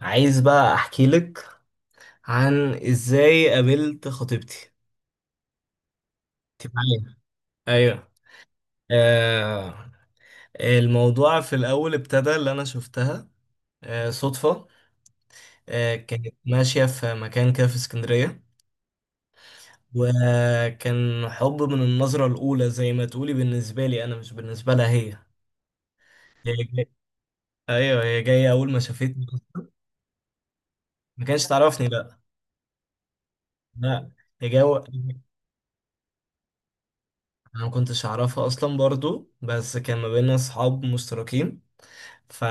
عايز بقى احكي لك عن ازاي قابلت خطيبتي. انت معايا؟ ايوه. آه الموضوع في الاول ابتدى اللي انا شفتها آه صدفة. آه كانت ماشية في مكان كده في اسكندرية، وكان حب من النظرة الاولى زي ما تقولي بالنسبة لي انا، مش بالنسبة لها هي. هي جاي... ايوه هي جاية اول ما شافتني ما كانش تعرفني، لا لا. هي جاية انا ما كنتش اعرفها اصلا برضو، بس كان ما بيننا اصحاب مشتركين. ف...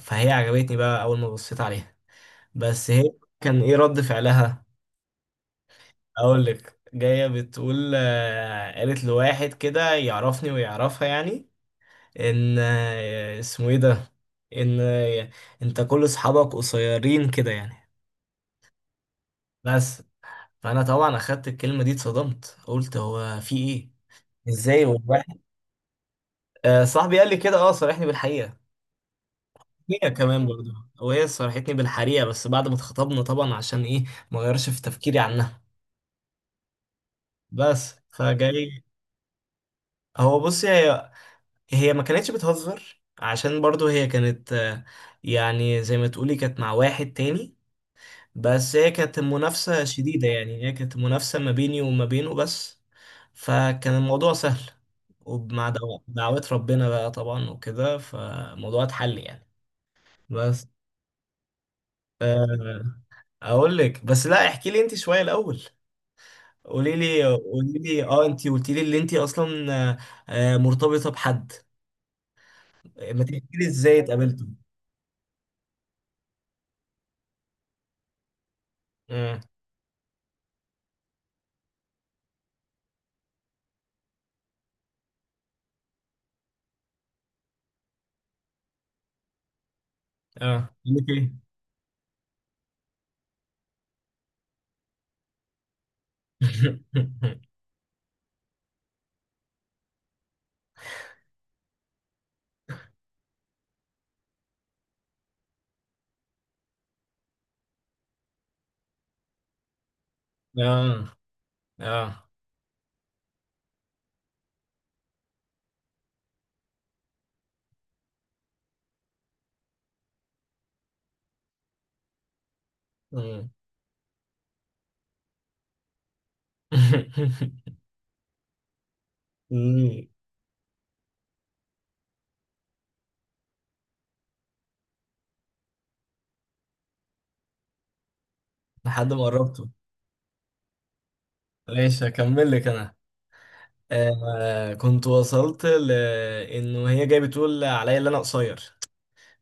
فهي عجبتني بقى اول ما بصيت عليها. بس هي كان ايه رد فعلها؟ اقول لك، جايه بتقول قالت لواحد كده يعرفني ويعرفها يعني، ان اسمه ايه ده، ان انت كل اصحابك قصيرين كده يعني، بس. فانا طبعا اخدت الكلمه دي اتصدمت، قلت هو في ايه، ازاي هو واحد. صاحبي قال لي كده، اه صارحني بالحقيقه. هي كمان برضه، وهي صرحتني بالحقيقة بس بعد ما اتخطبنا طبعا. عشان ايه ما غيرش في تفكيري عنها، بس فجاي. هو بص، هي ما كانتش بتهزر، عشان برضه هي كانت يعني زي ما تقولي كانت مع واحد تاني. بس هي كانت منافسة شديدة، يعني هي كانت منافسة ما بيني وما بينه بس. فكان الموضوع سهل، ومع دعوات ربنا بقى طبعا وكده، فالموضوع اتحل يعني. بس آه، اقول لك، بس لا احكي لي انت شوية الاول. قولي لي. اه انت قلتي لي اللي انت اصلا آه، مرتبطه بحد، ما تحكي لي ازاي اتقابلتوا. اه. اه قولك ايه؟ اه. اه. مم. مم. لحد ما قربته. ماشي هكمل لك انا. آه كنت وصلت لانه هي جايه بتقول عليا اللي انا قصير.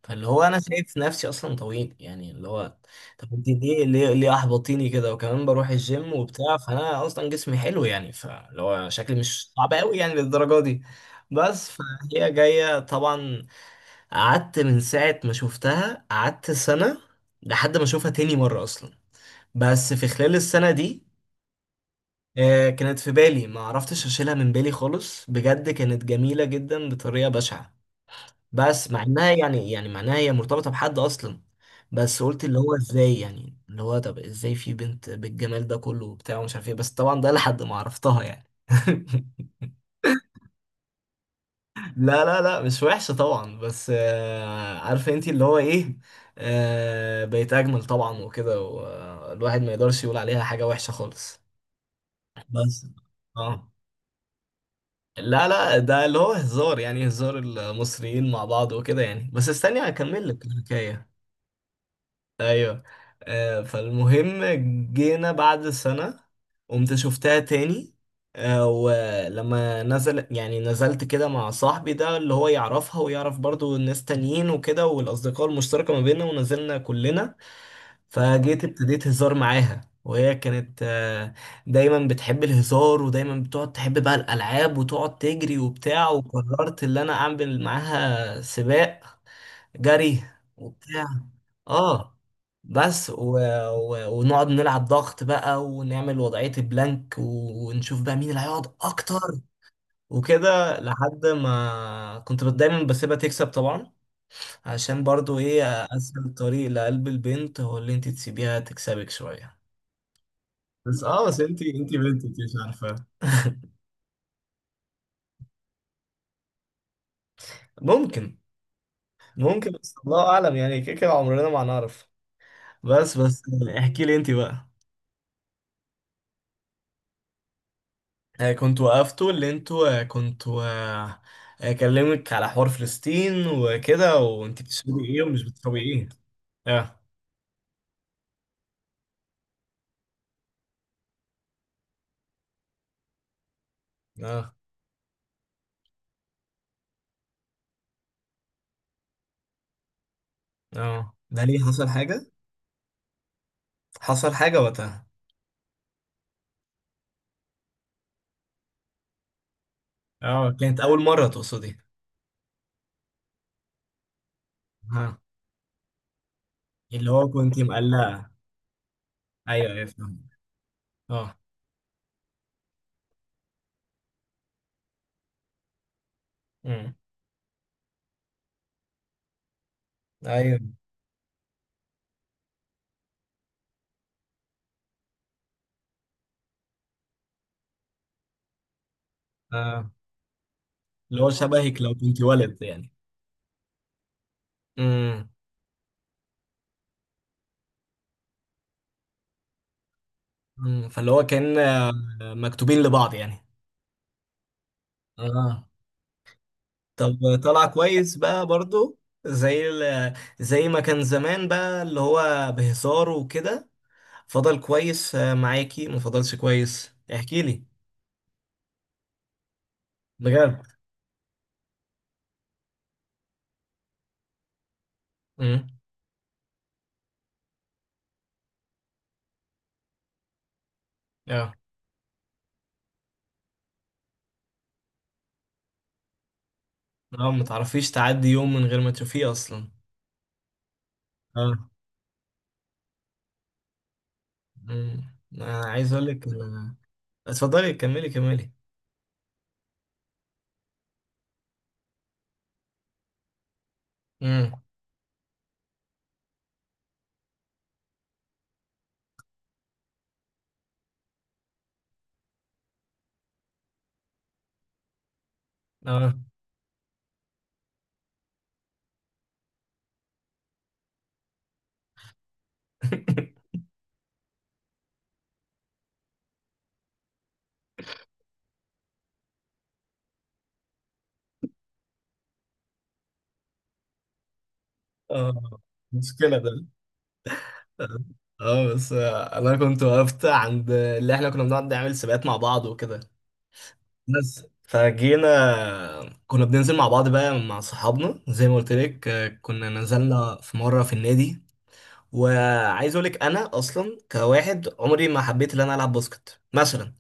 فاللي هو انا شايف نفسي اصلا طويل، يعني اللي هو، طب انت ليه ليه ليه احبطيني كده؟ وكمان بروح الجيم وبتاع، فانا اصلا جسمي حلو يعني، فاللي هو شكلي مش صعب قوي يعني للدرجه دي. بس فهي جايه طبعا. قعدت من ساعه ما شفتها، قعدت سنه لحد ما اشوفها تاني مره اصلا. بس في خلال السنه دي، كانت في بالي، ما عرفتش اشيلها من بالي خالص، بجد كانت جميله جدا بطريقه بشعه. بس مع انها يعني معناها هي مرتبطه بحد اصلا. بس قلت اللي هو ازاي يعني، اللي هو طب ازاي في بنت بالجمال ده كله وبتاع ومش عارف ايه؟ بس طبعا ده لحد ما عرفتها يعني. لا لا لا مش وحشة طبعا، بس عارفة انتي اللي هو ايه، بقت اجمل طبعا وكده، والواحد ما يقدرش يقول عليها حاجة وحشة خالص. بس اه. لا لا، ده اللي هو هزار يعني، هزار المصريين مع بعض وكده يعني. بس استني هكمل لك الحكاية. ايوه. آه فالمهم، جينا بعد سنة قمت شفتها تاني. آه ولما نزل يعني نزلت كده مع صاحبي ده اللي هو يعرفها ويعرف برضو ناس تانيين وكده، والأصدقاء المشتركة ما بيننا، ونزلنا كلنا. فجيت ابتديت هزار معاها، وهي كانت دايما بتحب الهزار، ودايما بتقعد تحب بقى الألعاب وتقعد تجري وبتاع. وقررت اللي أنا أعمل معاها سباق جري وبتاع. اه. بس ونقعد نلعب ضغط بقى، ونعمل وضعية البلانك، ونشوف بقى مين اللي هيقعد اكتر وكده. لحد ما كنت دايما بسيبها تكسب طبعا، عشان برضو ايه اسهل طريق لقلب البنت هو اللي انت تسيبيها تكسبك شوية. بس اه، بس انت بنت انت مش عارفه. ممكن. ممكن، بس الله اعلم يعني، كده كده عمرنا ما هنعرف. بس. احكي لي انت بقى. كنت وقفتوا اللي انتوا كنتوا كلمك على حوار فلسطين وكده، وانت بتشربي ايه ومش بتشربي ايه. اه. اه. اه ده ليه، حصل حاجة؟ حصل حاجة وقتها؟ اه كانت أول مرة تقصدي؟ ها. اللي هو كنت مقلقة. أيوه أيوه فاهم. اه. امم. أيوه. اه. اللي هو شبهك لو كنت ولد يعني. امم. فاللي هو كان مكتوبين لبعض يعني. اه. طب طلع كويس بقى برضو. زي ال- زي ما كان زمان بقى اللي هو بهزار وكده. فضل كويس معاكي ما فضلش كويس احكي لي؟ بجد؟ امم. اه. اه. ما تعرفيش تعدي يوم من غير ما تشوفيه اصلا. اه. امم. انا عايز اقول لك إن- اتفضلي كملي. امم. اه. اه. مشكلة ده. اه. بس انا كنت وقفت عند اللي احنا كنا بنقعد نعمل سباقات مع بعض وكده. بس فجينا كنا بننزل مع بعض بقى مع صحابنا زي ما قلت لك. كنا نزلنا في مرة في النادي. وعايز اقول لك انا اصلا كواحد عمري ما حبيت ان انا العب باسكت مثلا.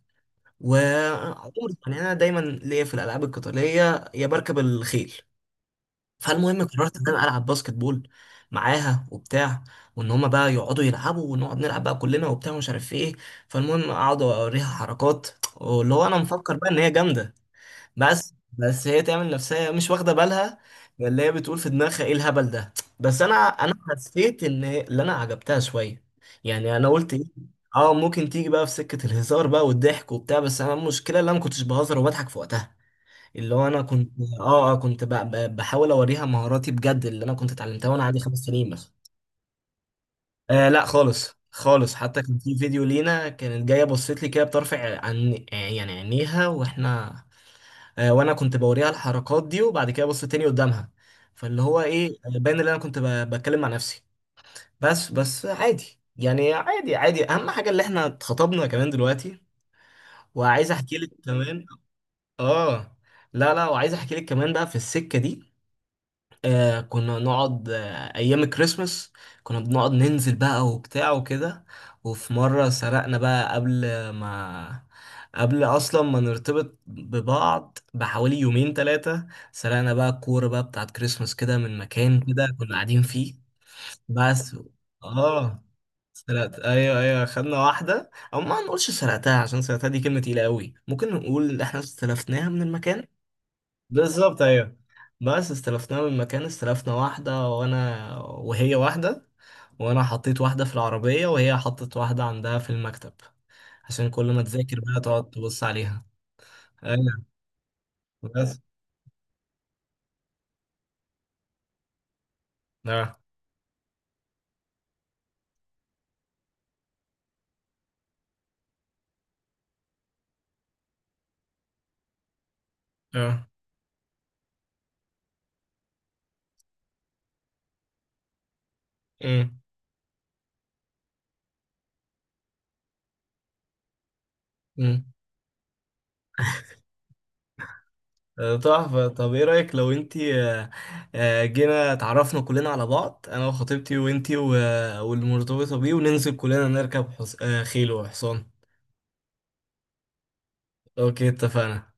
وعمري يعني انا دايما ليا في الالعاب القتالية، يا بركب الخيل. فالمهم قررت ان انا العب باسكت بول معاها وبتاع، وان هما بقى يقعدوا يلعبوا ونقعد نلعب بقى كلنا وبتاع ومش عارف ايه. فالمهم اقعد اوريها حركات، واللي هو انا مفكر بقى ان هي جامدة. بس هي تعمل نفسها مش واخده بالها، اللي هي بتقول في دماغها ايه الهبل ده. بس انا حسيت ان اللي انا عجبتها شويه، يعني انا قلت ايه. اه ممكن تيجي بقى في سكه الهزار بقى والضحك وبتاع، بس انا المشكله اللي انا ما كنتش بهزر وبضحك في وقتها. اللي هو انا كنت اه كنت بحاول اوريها مهاراتي بجد، اللي انا كنت اتعلمتها وانا عندي 5 سنين مثلا. آه لا خالص خالص، حتى كان في فيديو لينا كانت جايه بصيت لي كده بطرف عن يعني عينيها، واحنا وانا كنت بوريها الحركات دي، وبعد كده ابص تاني قدامها. فاللي هو ايه باين ان انا كنت بتكلم مع نفسي. بس عادي يعني، عادي عادي، اهم حاجه اللي احنا اتخطبنا كمان دلوقتي. وعايز احكي لك كمان. اه. لا لا، وعايز احكي لك كمان بقى في السكه دي. آه كنا نقعد آه أيام الكريسماس كنا بنقعد ننزل بقى وبتاع وكده. وفي مرة سرقنا بقى ما قبل أصلا ما نرتبط ببعض بحوالي 2 3، سرقنا بقى الكورة بقى بتاعت كريسماس كده من مكان كده كنا قاعدين فيه. بس اه، سرقت، ايوه ايوه، خدنا واحدة، او ما نقولش سرقتها عشان سرقتها دي كلمة تقيلة قوي، ممكن نقول إن احنا استلفناها من المكان. بالظبط ايوه. بس استلفناها من مكان، استلفنا واحدة، وانا وهي واحدة، وانا حطيت واحدة في العربية، وهي حطت واحدة عندها في المكتب، عشان كل ما تذاكر بقى تقعد تبص عليها. ايوه. بس اه. اه. أمم. أمم. تحفة. طب ايه رأيك لو انتي جينا اتعرفنا كلنا على بعض انا وخطيبتي وانتي والمرتبطة بيه، وننزل كلنا نركب حص... آه، خيل وحصان. اوكي اتفقنا.